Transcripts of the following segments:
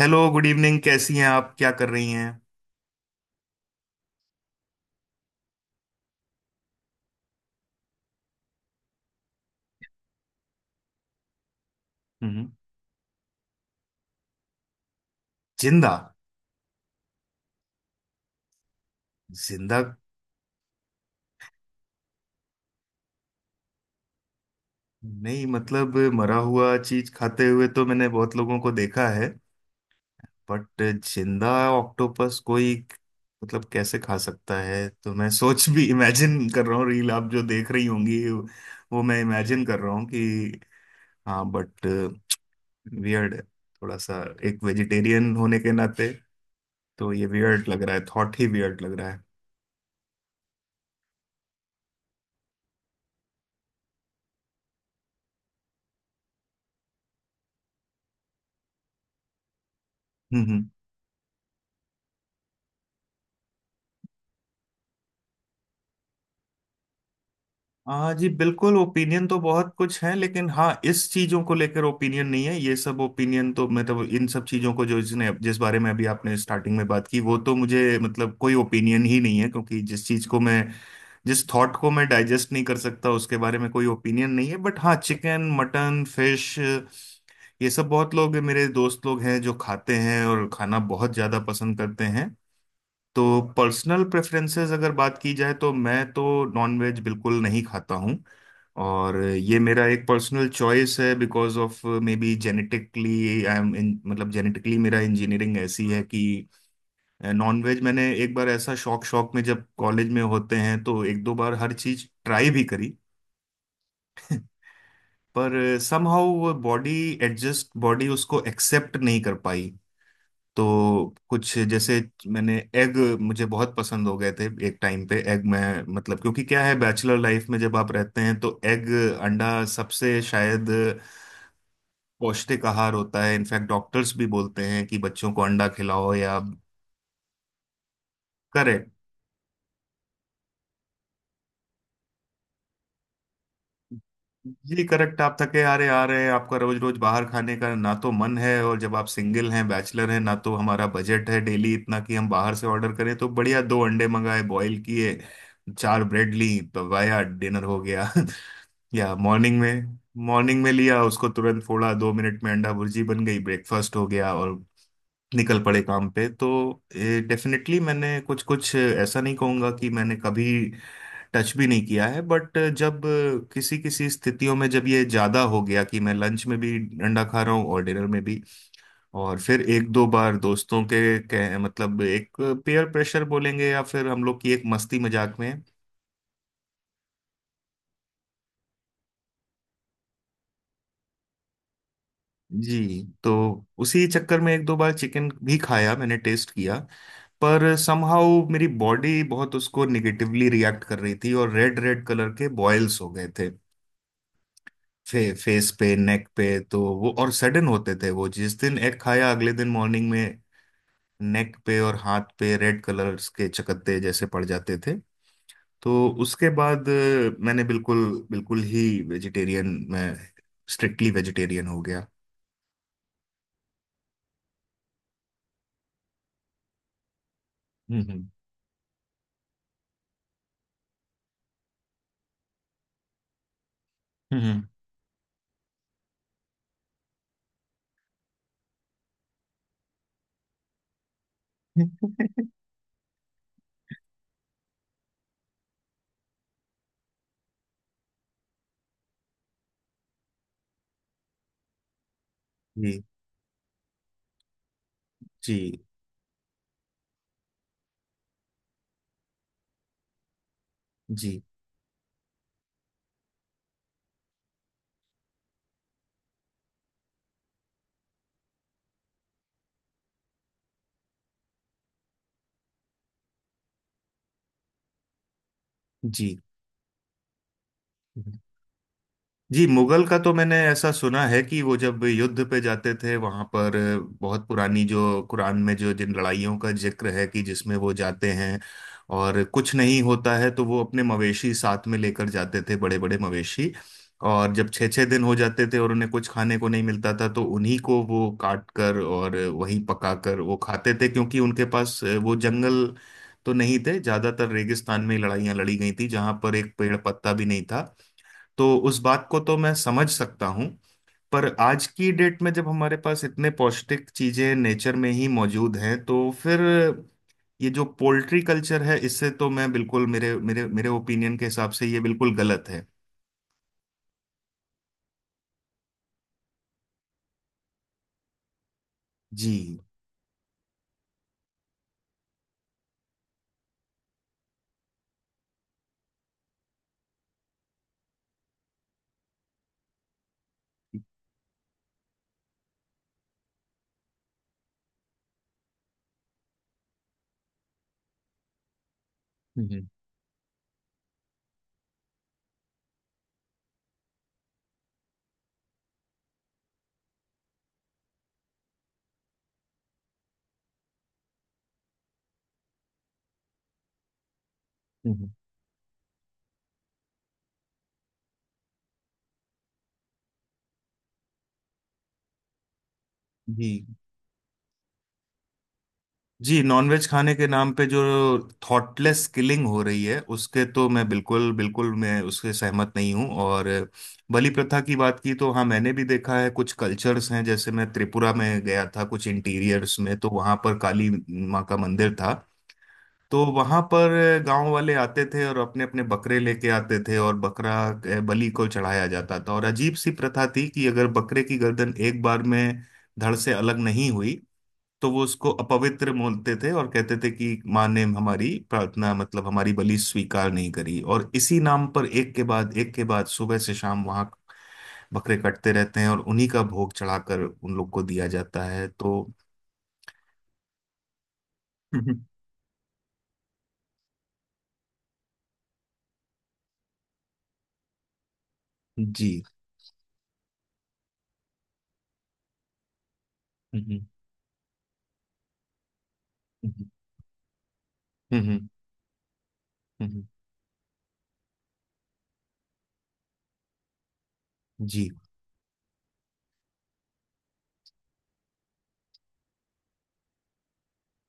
Hello good evening, कैसी हैं आप? क्या कर रही हैं? हम्म। जिंदा? जिंदा? नहीं, मतलब मरा हुआ चीज खाते हुए तो मैंने बहुत लोगों को देखा है। बट जिंदा ऑक्टोपस? कोई मतलब कैसे खा सकता है? तो मैं सोच भी इमेजिन कर रहा हूँ, रील आप जो देख रही होंगी वो मैं इमेजिन कर रहा हूँ कि, हाँ। बट वियर्ड है थोड़ा सा। एक वेजिटेरियन होने के नाते तो ये वियर्ड लग रहा है, थॉट ही वियर्ड लग रहा है। हम्म, हम्म। हाँ जी, बिल्कुल। ओपिनियन तो बहुत कुछ है, लेकिन हाँ, इस चीजों को लेकर ओपिनियन नहीं है। ये सब ओपिनियन तो मतलब इन सब चीजों को जो जिसने जिस बारे में अभी आपने स्टार्टिंग में बात की, वो तो मुझे मतलब कोई ओपिनियन ही नहीं है, क्योंकि जिस थॉट को मैं डाइजेस्ट नहीं कर सकता उसके बारे में कोई ओपिनियन नहीं है। बट हाँ, चिकन, मटन, फिश, ये सब बहुत लोग, मेरे दोस्त लोग हैं जो खाते हैं और खाना बहुत ज्यादा पसंद करते हैं। तो पर्सनल प्रेफरेंसेस अगर बात की जाए, तो मैं तो नॉनवेज बिल्कुल नहीं खाता हूँ। और ये मेरा एक पर्सनल चॉइस है, because of maybe genetically I am in मतलब जेनेटिकली मेरा इंजीनियरिंग ऐसी है कि नॉनवेज मैंने एक बार ऐसा शौक शौक में, जब कॉलेज में होते हैं तो एक दो बार हर चीज ट्राई भी करी। पर समहाउ वो बॉडी एडजस्ट बॉडी उसको एक्सेप्ट नहीं कर पाई। तो कुछ जैसे, मैंने एग, मुझे बहुत पसंद हो गए थे एक टाइम पे एग मैं मतलब, क्योंकि क्या है, बैचलर लाइफ में जब आप रहते हैं तो एग, अंडा सबसे शायद पौष्टिक आहार होता है। इनफैक्ट डॉक्टर्स भी बोलते हैं कि बच्चों को अंडा खिलाओ, या करेक्ट। जी करेक्ट। आप थके हारे आ रहे हैं, आपका रोज रोज बाहर खाने का ना तो मन है, और जब आप सिंगल हैं, बैचलर हैं ना, तो हमारा बजट है डेली इतना कि हम बाहर से ऑर्डर करें, तो बढ़िया दो अंडे मंगाए, बॉईल किए, चार ब्रेड ली, पवाया, डिनर हो गया। या मॉर्निंग में। मॉर्निंग में लिया उसको, तुरंत फोड़ा, दो मिनट में अंडा भुर्जी बन गई, ब्रेकफास्ट हो गया और निकल पड़े काम पे। तो डेफिनेटली, मैंने कुछ, कुछ ऐसा नहीं कहूंगा कि मैंने कभी टच भी नहीं किया है। बट जब किसी किसी स्थितियों में जब ये ज्यादा हो गया कि मैं लंच में भी अंडा खा रहा हूँ और डिनर में भी, और फिर एक दो बार दोस्तों के मतलब, एक पेयर प्रेशर बोलेंगे, या फिर हम लोग की एक मस्ती मजाक में। जी। तो उसी चक्कर में एक दो बार चिकन भी खाया, मैंने टेस्ट किया। पर समहाउ मेरी बॉडी बहुत उसको निगेटिवली रिएक्ट कर रही थी और रेड रेड कलर के बॉयल्स हो गए थे, फेस पे, नेक पे। तो वो और सडन होते थे, वो, जिस दिन एग खाया अगले दिन मॉर्निंग में नेक पे और हाथ पे रेड कलर्स के चकत्ते जैसे पड़ जाते थे। तो उसके बाद मैंने बिल्कुल, बिल्कुल ही वेजिटेरियन मैं स्ट्रिक्टली वेजिटेरियन हो गया। हम्म, हम्म, हम्म, हम्म। जी, जी, जी, जी। जी, मुगल का तो मैंने ऐसा सुना है कि वो जब युद्ध पे जाते थे, वहां पर बहुत पुरानी जो कुरान में जो जिन लड़ाइयों का जिक्र है कि जिसमें वो जाते हैं और कुछ नहीं होता है, तो वो अपने मवेशी साथ में लेकर जाते थे, बड़े बड़े मवेशी। और जब छः छः दिन हो जाते थे और उन्हें कुछ खाने को नहीं मिलता था, तो उन्हीं को वो काट कर और वहीं पका कर वो खाते थे, क्योंकि उनके पास वो जंगल तो नहीं थे, ज्यादातर रेगिस्तान में लड़ाइयाँ लड़ी गई थी जहां पर एक पेड़ पत्ता भी नहीं था। तो उस बात को तो मैं समझ सकता हूँ। पर आज की डेट में जब हमारे पास इतने पौष्टिक चीजें नेचर में ही मौजूद हैं, तो फिर ये जो पोल्ट्री कल्चर है, इससे तो मैं बिल्कुल, मेरे मेरे मेरे ओपिनियन के हिसाब से ये बिल्कुल गलत है। जी, हम्म, हम्म, हम्म। जी, जी। नॉनवेज खाने के नाम पे जो थॉटलेस किलिंग हो रही है, उसके तो मैं बिल्कुल, बिल्कुल, मैं उसके सहमत नहीं हूँ। और बलि प्रथा की बात की, तो हाँ, मैंने भी देखा है। कुछ कल्चर्स हैं, जैसे मैं त्रिपुरा में गया था, कुछ इंटीरियर्स में, तो वहाँ पर काली माँ का मंदिर था। तो वहाँ पर गांव वाले आते थे और अपने अपने बकरे लेके आते थे, और बकरा बलि को चढ़ाया जाता था। और अजीब सी प्रथा थी कि अगर बकरे की गर्दन एक बार में धड़ से अलग नहीं हुई, तो वो उसको अपवित्र बोलते थे और कहते थे कि माँ ने हमारी प्रार्थना, मतलब हमारी बलि स्वीकार नहीं करी। और इसी नाम पर एक के बाद सुबह से शाम वहां बकरे कटते रहते हैं और उन्हीं का भोग चढ़ाकर उन लोग को दिया जाता है। तो हम्म, जी, हम्म, हम्म, हम्म, हम्म, जी,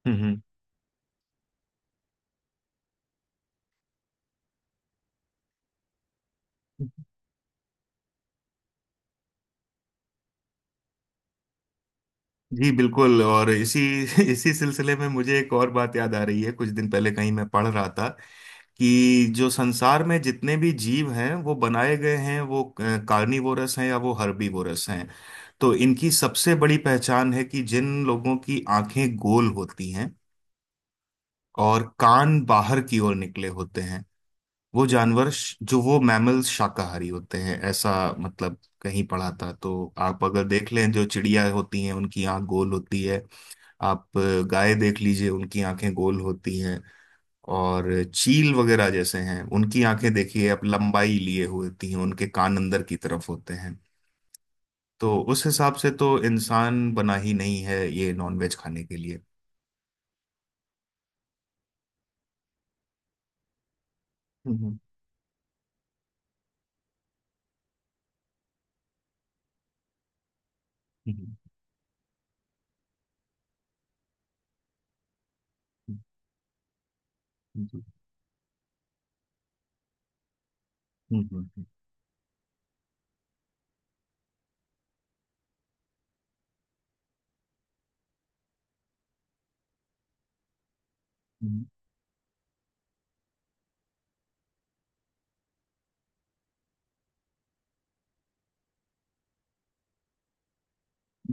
हम्म। जी बिल्कुल। और इसी इसी सिलसिले में मुझे एक और बात याद आ रही है। कुछ दिन पहले कहीं मैं पढ़ रहा था कि जो संसार में जितने भी जीव हैं, वो बनाए गए हैं, वो कार्निवोरस हैं या वो हर्बीवोरस हैं। तो इनकी सबसे बड़ी पहचान है कि जिन लोगों की आंखें गोल होती हैं और कान बाहर की ओर निकले होते हैं, वो जानवर, जो वो मैमल्स शाकाहारी होते हैं, ऐसा मतलब कहीं पढ़ा था। तो आप अगर देख लें, जो चिड़िया होती हैं, उनकी आंख गोल होती है। आप गाय देख लीजिए, उनकी आंखें गोल होती हैं। और चील वगैरह जैसे हैं, उनकी आंखें देखिए आप, लंबाई लिए हुए होती हैं, उनके कान अंदर की तरफ होते हैं। तो उस हिसाब से तो इंसान बना ही नहीं है ये नॉनवेज खाने के लिए। हम्म, हम्म, हम्म, हम्म, हम्म, हम्म, हम्म, हम्म।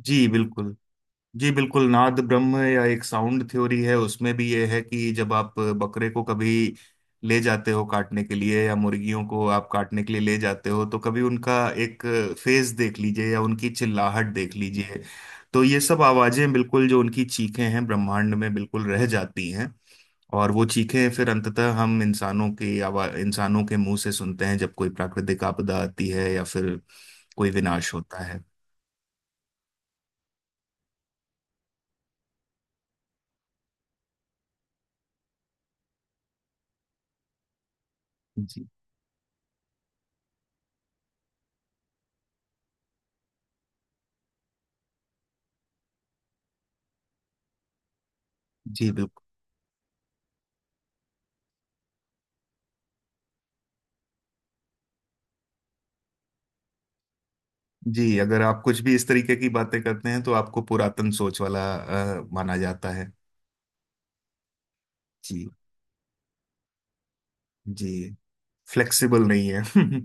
जी बिल्कुल। जी बिल्कुल। नाद ब्रह्म, या एक साउंड थ्योरी है, उसमें भी ये है कि जब आप बकरे को कभी ले जाते हो काटने के लिए, या मुर्गियों को आप काटने के लिए ले जाते हो, तो कभी उनका एक फेस देख लीजिए, या उनकी चिल्लाहट देख लीजिए। तो ये सब आवाजें, बिल्कुल जो उनकी चीखें हैं, ब्रह्मांड में बिल्कुल रह जाती हैं। और वो चीखें फिर अंततः हम इंसानों की आवाज इंसानों के मुंह से सुनते हैं, जब कोई प्राकृतिक आपदा आती है, या फिर कोई विनाश होता है। जी, जी बिल्कुल। जी, अगर आप कुछ भी इस तरीके की बातें करते हैं, तो आपको पुरातन सोच वाला माना जाता है। जी, जी। फ्लेक्सिबल नहीं है।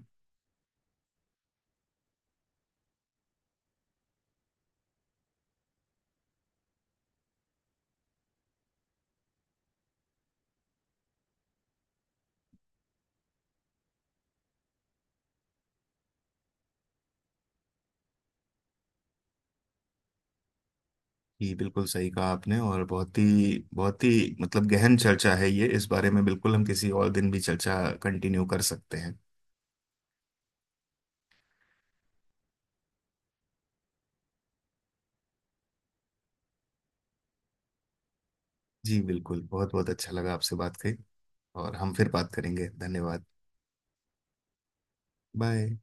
जी बिल्कुल, सही कहा आपने। और बहुत ही, बहुत ही, मतलब, गहन चर्चा है ये, इस बारे में। बिल्कुल, हम किसी और दिन भी चर्चा कंटिन्यू कर सकते हैं। जी बिल्कुल। बहुत बहुत अच्छा लगा आपसे बात करी। और हम फिर बात करेंगे। धन्यवाद। बाय।